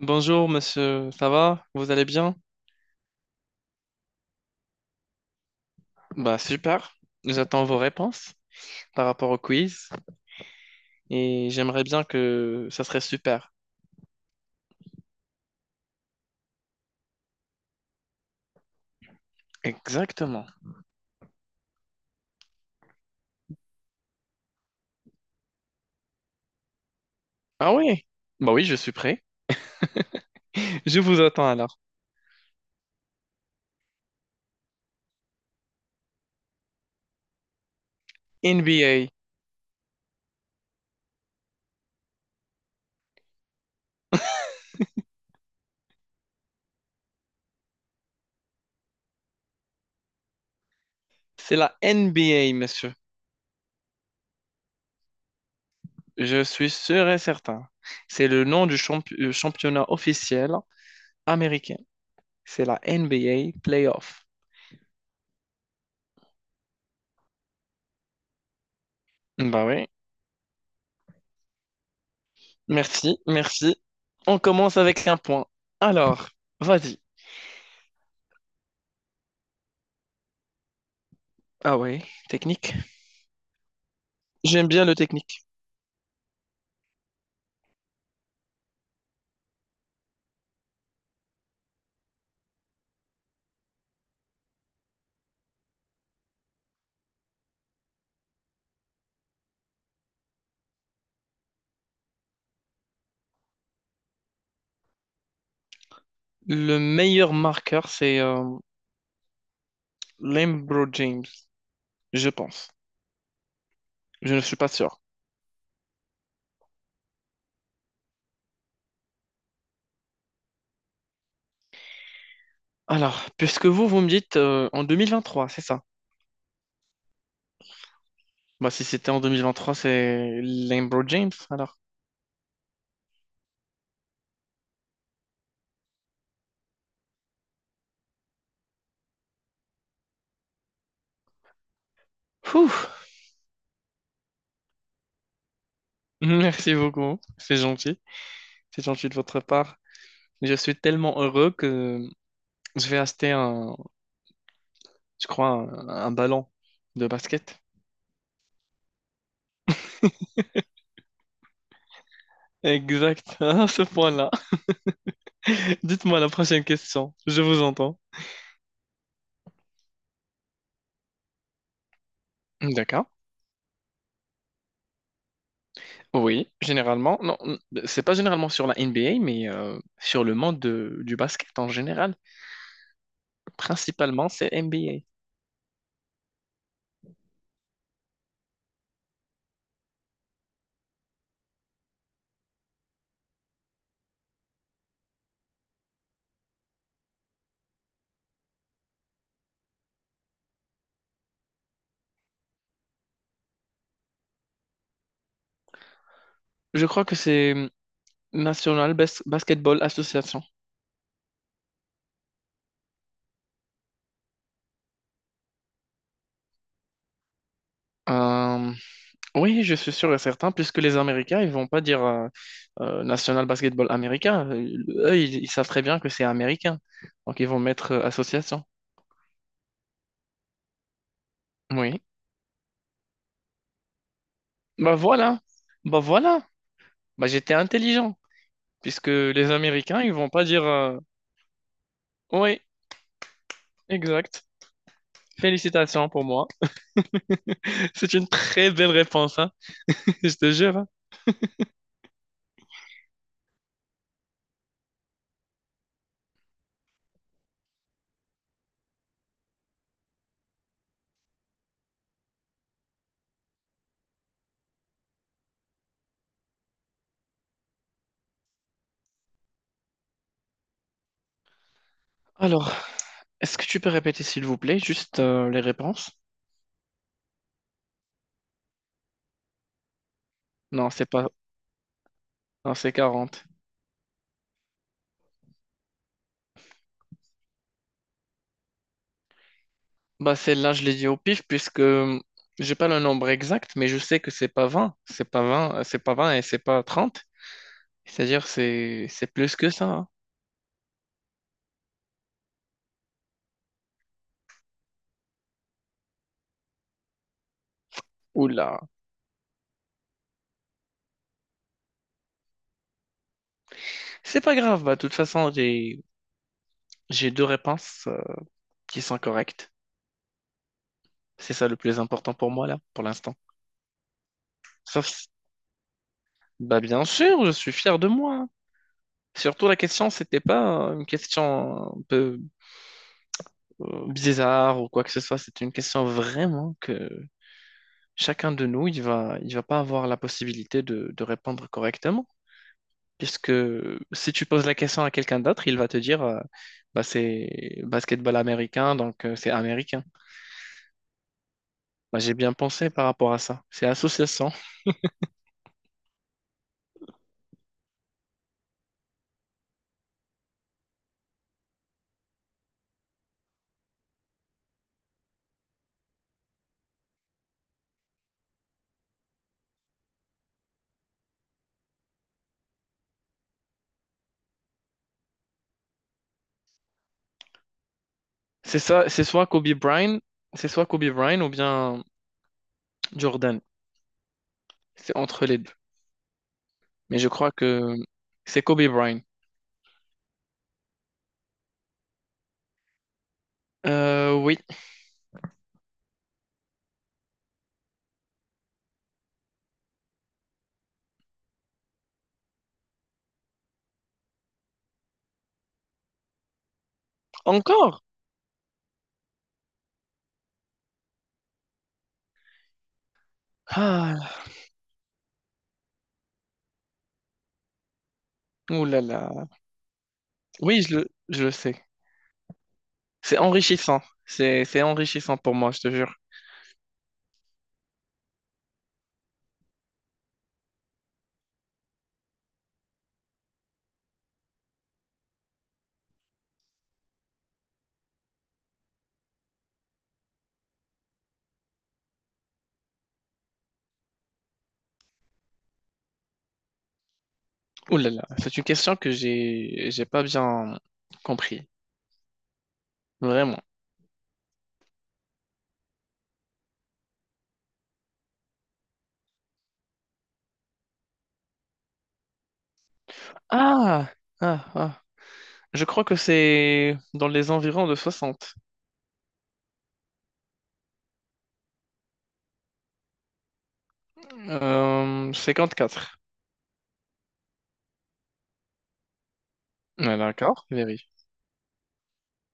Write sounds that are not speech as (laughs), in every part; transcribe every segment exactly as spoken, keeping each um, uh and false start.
Bonjour monsieur, ça va? Vous allez bien? Bah super, j'attends vos réponses par rapport au quiz et j'aimerais bien que ça serait super. Exactement. Ah oui? Bah oui, je suis prêt. (laughs) Je vous attends alors. N B A, c'est la N B A monsieur. Je suis sûr et certain. C'est le nom du champ- euh, championnat officiel américain. C'est la N B A Playoff. Bah oui, merci, merci. On commence avec un point. Alors, vas-y. Ah ouais, technique. J'aime bien le technique. Le meilleur marqueur, c'est euh, Lembro James, je pense. Je ne suis pas sûr. Alors, puisque vous, vous me dites euh, en deux mille vingt-trois, c'est ça? Bah, si c'était en deux mille vingt-trois, c'est Lembro James, alors. Ouh, (laughs) merci beaucoup, c'est gentil. C'est gentil de votre part. Je suis tellement heureux que je vais acheter un, je crois, un, un ballon de basket. Exact, (laughs) à ce point-là. (laughs) Dites-moi la prochaine question, je vous entends. D'accord. Oui, généralement. Non, n- c'est pas généralement sur la N B A, mais euh, sur le monde de- du basket en général. Principalement, c'est N B A. Je crois que c'est National Bas- Basketball Association. Euh, Oui, je suis sûr et certain, puisque les Américains, ils vont pas dire euh, euh, National Basketball Américain. Euh, Eux, ils, ils savent très bien que c'est américain. Donc, ils vont mettre euh, association. Oui. Bah voilà. Bah voilà. Bah j'étais intelligent, puisque les Américains, ils vont pas dire euh, oui, exact. Félicitations pour moi. (laughs) C'est une très belle réponse, hein. (laughs) Je te jure, hein. Alors, est-ce que tu peux répéter, s'il vous plaît, juste euh, les réponses? Non, c'est pas. Non, c'est quarante. Bah celle-là, je l'ai dit au pif puisque euh, j'ai pas le nombre exact, mais je sais que c'est pas vingt, c'est pas vingt euh, c'est pas vingt et c'est pas trente. C'est-à-dire c'est c'est plus que ça, hein. Oula. C'est pas grave, bah de toute façon, j'ai j'ai deux réponses euh, qui sont correctes. C'est ça le plus important pour moi là, pour l'instant. Sauf si- bah bien sûr, je suis fier de moi, hein. Surtout la question, c'était pas euh, une question un peu euh, bizarre ou quoi que ce soit, c'était une question vraiment que chacun de nous, il va, il va pas avoir la possibilité de, de répondre correctement, puisque si tu poses la question à quelqu'un d'autre, il va te dire, euh, bah, c'est basketball américain, donc euh, c'est américain. Bah, j'ai bien pensé par rapport à ça. C'est association. C'est ça, c'est soit Kobe Bryant, c'est soit Kobe Bryant ou bien Jordan. C'est entre les deux. Mais je crois que c'est Kobe Bryant. Euh, oui. Encore? Ah, ouh là là. Oui, je le, je le sais. C'est enrichissant. C'est, c'est enrichissant pour moi, je te jure. Ouh là là, c'est une question que j'ai, j'ai pas bien compris. Vraiment. Ah, ah, ah. Je crois que c'est dans les environs de soixante. Euh, cinquante-quatre. Ouais, d'accord, vérifie.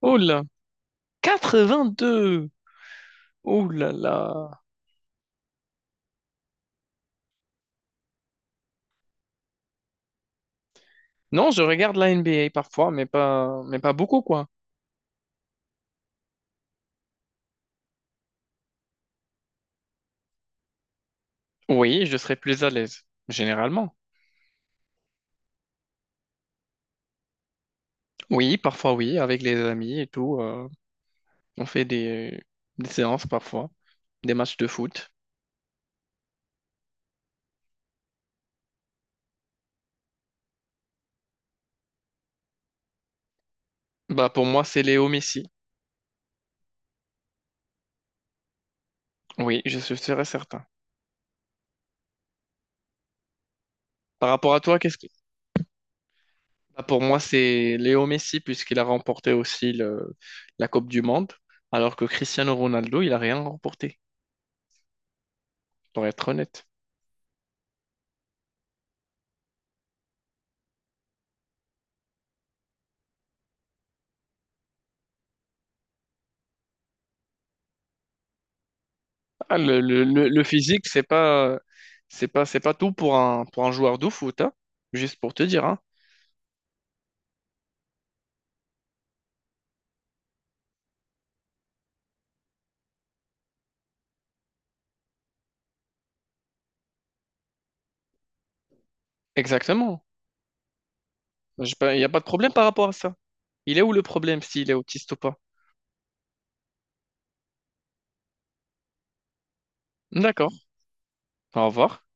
Oh là, quatre-vingt-deux. Oh là là. Non, je regarde la N B A parfois, mais pas, mais pas beaucoup, quoi. Oui, je serais plus à l'aise, généralement. Oui, parfois oui, avec les amis et tout. euh, on fait des, des séances parfois, des matchs de foot. Bah pour moi, c'est Léo Messi. Oui, je suis sûr et certain. Par rapport à toi, qu'est-ce que... Bah, pour moi, c'est Léo Messi puisqu'il a remporté aussi le- la Coupe du Monde, alors que Cristiano Ronaldo, il a rien remporté, pour être honnête. Ah, le, le, le, le physique, c'est pas, c'est pas, c'est pas tout pour un, pour un joueur de foot, hein, juste pour te dire, hein. Exactement. Il n'y a pas de problème par rapport à ça. Il est où le problème s'il est autiste ou pas? D'accord, au revoir.